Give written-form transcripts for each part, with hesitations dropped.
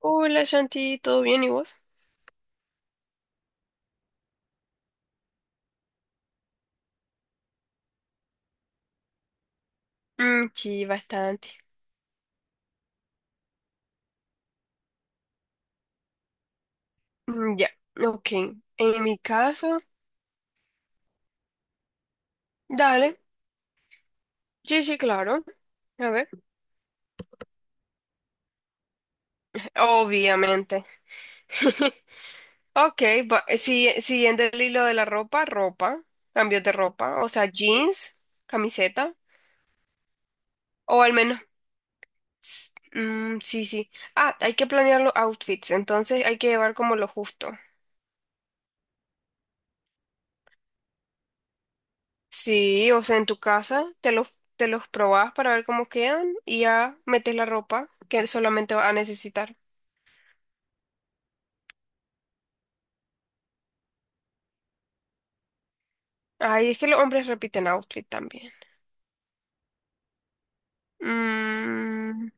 Hola Shanti, ¿todo bien y vos? Mm, sí, bastante. Ya, ok. En mi caso, dale. Sí, sí, claro. A ver. Obviamente. Ok, siguiendo el hilo de la ropa, cambios de ropa, o sea, jeans, camiseta, o al menos, sí, sí. Ah, hay que planear los outfits, entonces hay que llevar como lo justo. Sí, o sea, en tu casa te los probas para ver cómo quedan y ya metes la ropa que solamente vas a necesitar. Ay, es que los hombres repiten outfit también. Mm,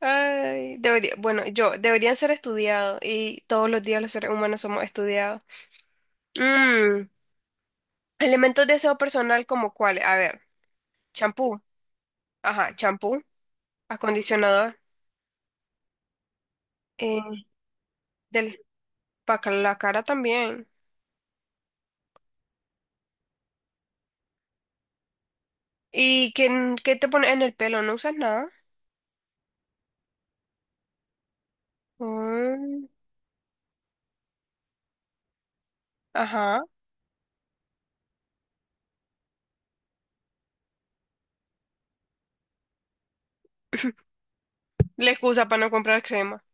Ay, debería, bueno, yo, deberían ser estudiados y todos los días los seres humanos somos estudiados. Mm, Elementos de aseo personal como cuáles, a ver, champú, ajá, champú, acondicionador, eh, del, para la cara también. ¿Y qué te pones en el pelo? ¿No usas nada? Mm. Ajá. La excusa para no comprar crema.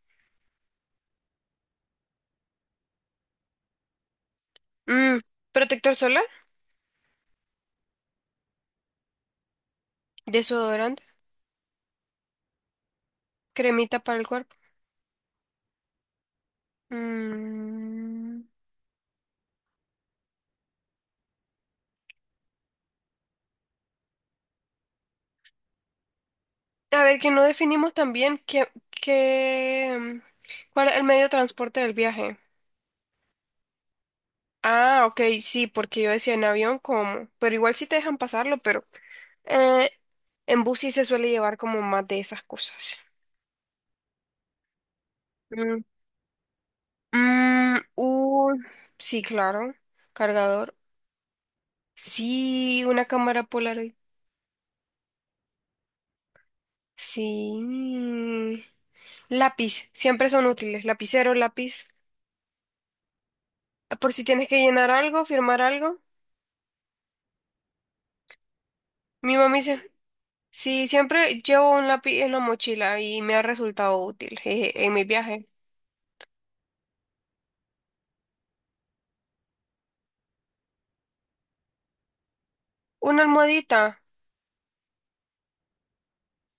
Mm, Protector solar, desodorante, cremita para el cuerpo. Mm. A ver, que no definimos también cuál es el medio de transporte del viaje. Ah, ok, sí, porque yo decía en avión como, pero igual sí te dejan pasarlo, pero eh, en bus sí se suele llevar como más de esas cosas. Mm, mm, uh, sí, claro, cargador. Sí, una cámara polar. Sí. Lápiz, siempre son útiles. Lapicero, lápiz. Por si tienes que llenar algo, firmar algo. Mi mamá dice, sí, siempre llevo un lápiz en la mochila y me ha resultado útil, jeje, en mi viaje. Una almohadita.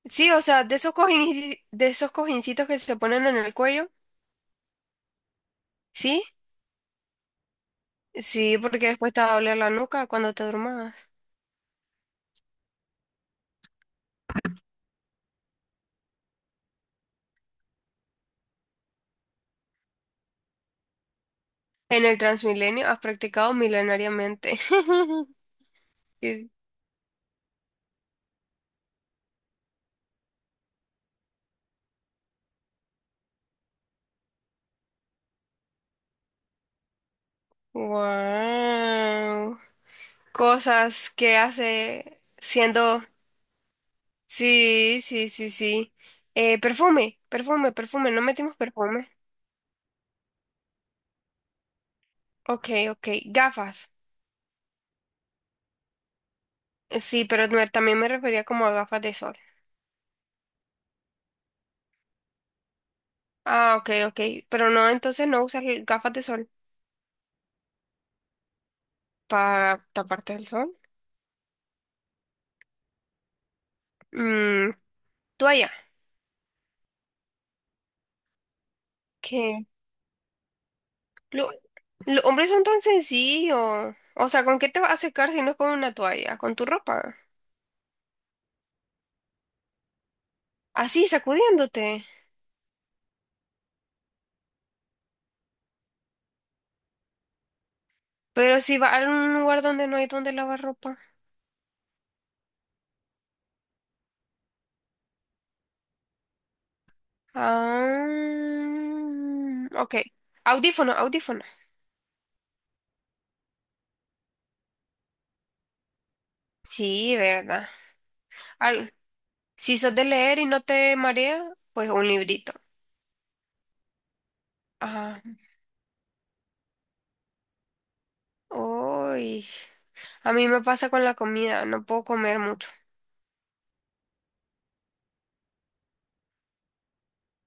Sí, o sea, de esos cojincitos que se ponen en el cuello. ¿Sí? Sí, porque después te va a doler la nuca cuando te durmas. En el Transmilenio has practicado milenariamente. Wow. Cosas que hace siendo... Sí, sí, sí, sí. Perfume. No metimos perfume. Ok, ok. Gafas. Sí, también me refería como a gafas de sol. Ah, ok, ok. Pero no, entonces no usas l- gafas de sol para taparte del sol. Mm, Toalla. ¿Qué? Lo- los hombres son tan sencillos. O sea, ¿con qué te vas a secar si no es con una toalla? Con tu ropa. Así, sacudiéndote. Pero si vas a un lugar donde no hay donde lavar ropa. Ah, ok. Audífono, audífono. Sí, verdad. Al- si sos de leer y no te marea, pues un librito. Ajá. Uy, a mí me pasa con la comida, no puedo comer mucho.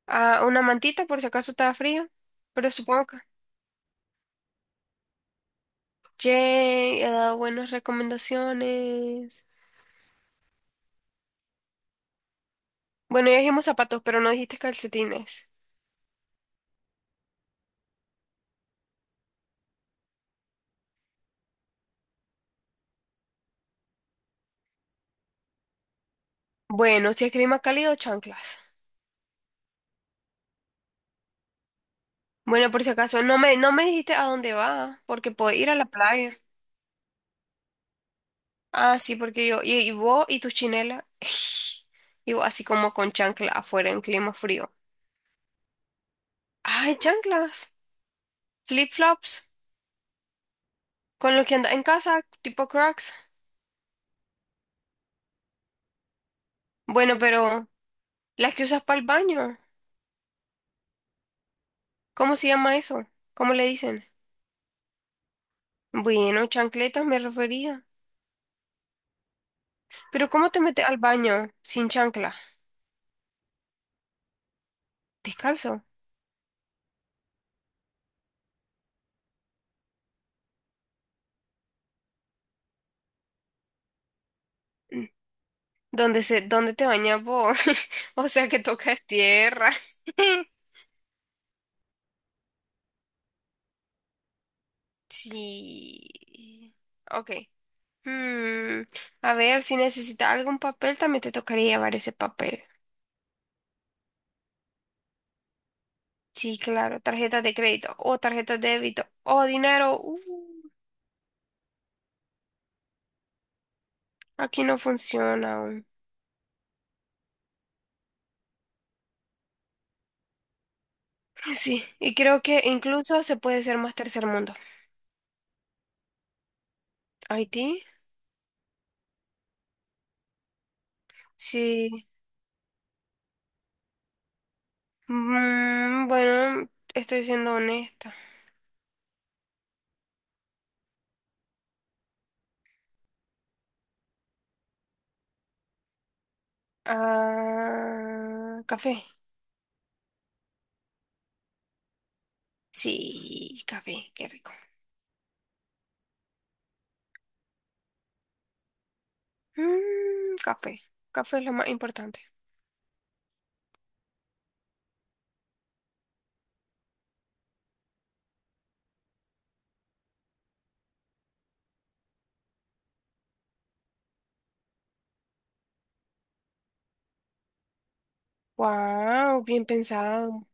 Ah, una mantita por si acaso está frío, pero supongo que... Che, he dado buenas recomendaciones. Bueno, ya dijimos zapatos, pero no dijiste calcetines. Bueno, si es clima cálido, chanclas. Bueno, por si acaso, no me dijiste a dónde va, porque puedo ir a la playa. Ah, sí, porque y vos y tu chinela, y vos así como con chancla afuera en clima frío. Ay, chanclas, flip-flops, con lo que andas en casa, tipo Crocs. Bueno, pero las que usas para el baño, ¿cómo se llama eso? ¿Cómo le dicen? Bueno, chancletas me refería. Pero ¿cómo te metes al baño sin chancla? Descalzo. Mm, dónde te bañas vos? O sea que tocas tierra. Sí. Ok. Mm, a ver, si necesita algún papel, también te tocaría llevar ese papel. Sí, claro, tarjeta de crédito o tarjeta de débito o dinero. Aquí no funciona aún. Sí, y creo que incluso se puede ser más tercer mundo. Haití, sí. Bueno, estoy siendo honesta. Ah, café. Sí, café, qué rico. Café. Café es lo más importante. Wow, bien pensado.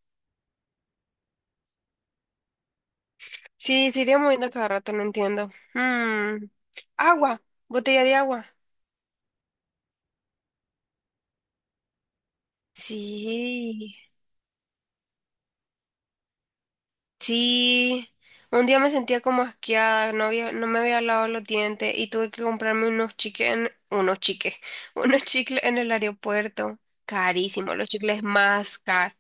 Sí, se iría moviendo cada rato, no entiendo. Mm. Agua, botella de agua. Sí, sí. Un día me sentía como asqueada, no me había lavado los dientes y tuve que comprarme unos chiques, unos chicles en el aeropuerto. Carísimo, los chicles más caros,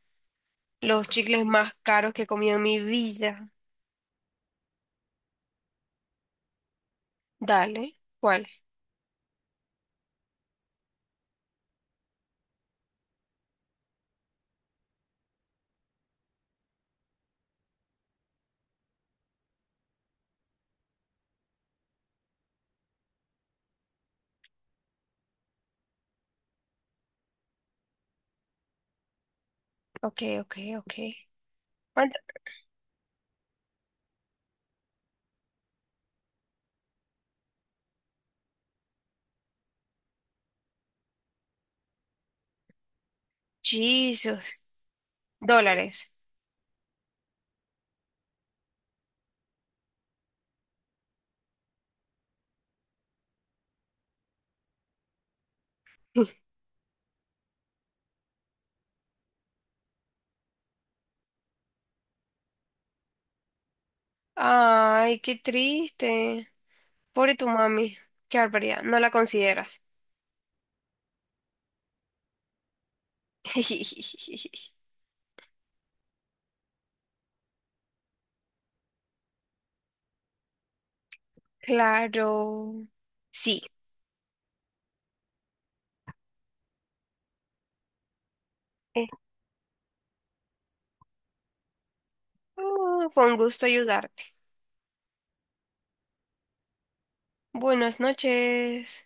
los chicles más caros que he comido en mi vida. Dale, ¿cuál? Ok, ok, ok. ¿Cuánto? Jesus, dólares. Ay, qué triste. Pobre tu mami. Qué barbaridad. No la consideras. Claro. Sí. Eh, ah, fue un gusto ayudarte. Buenas noches.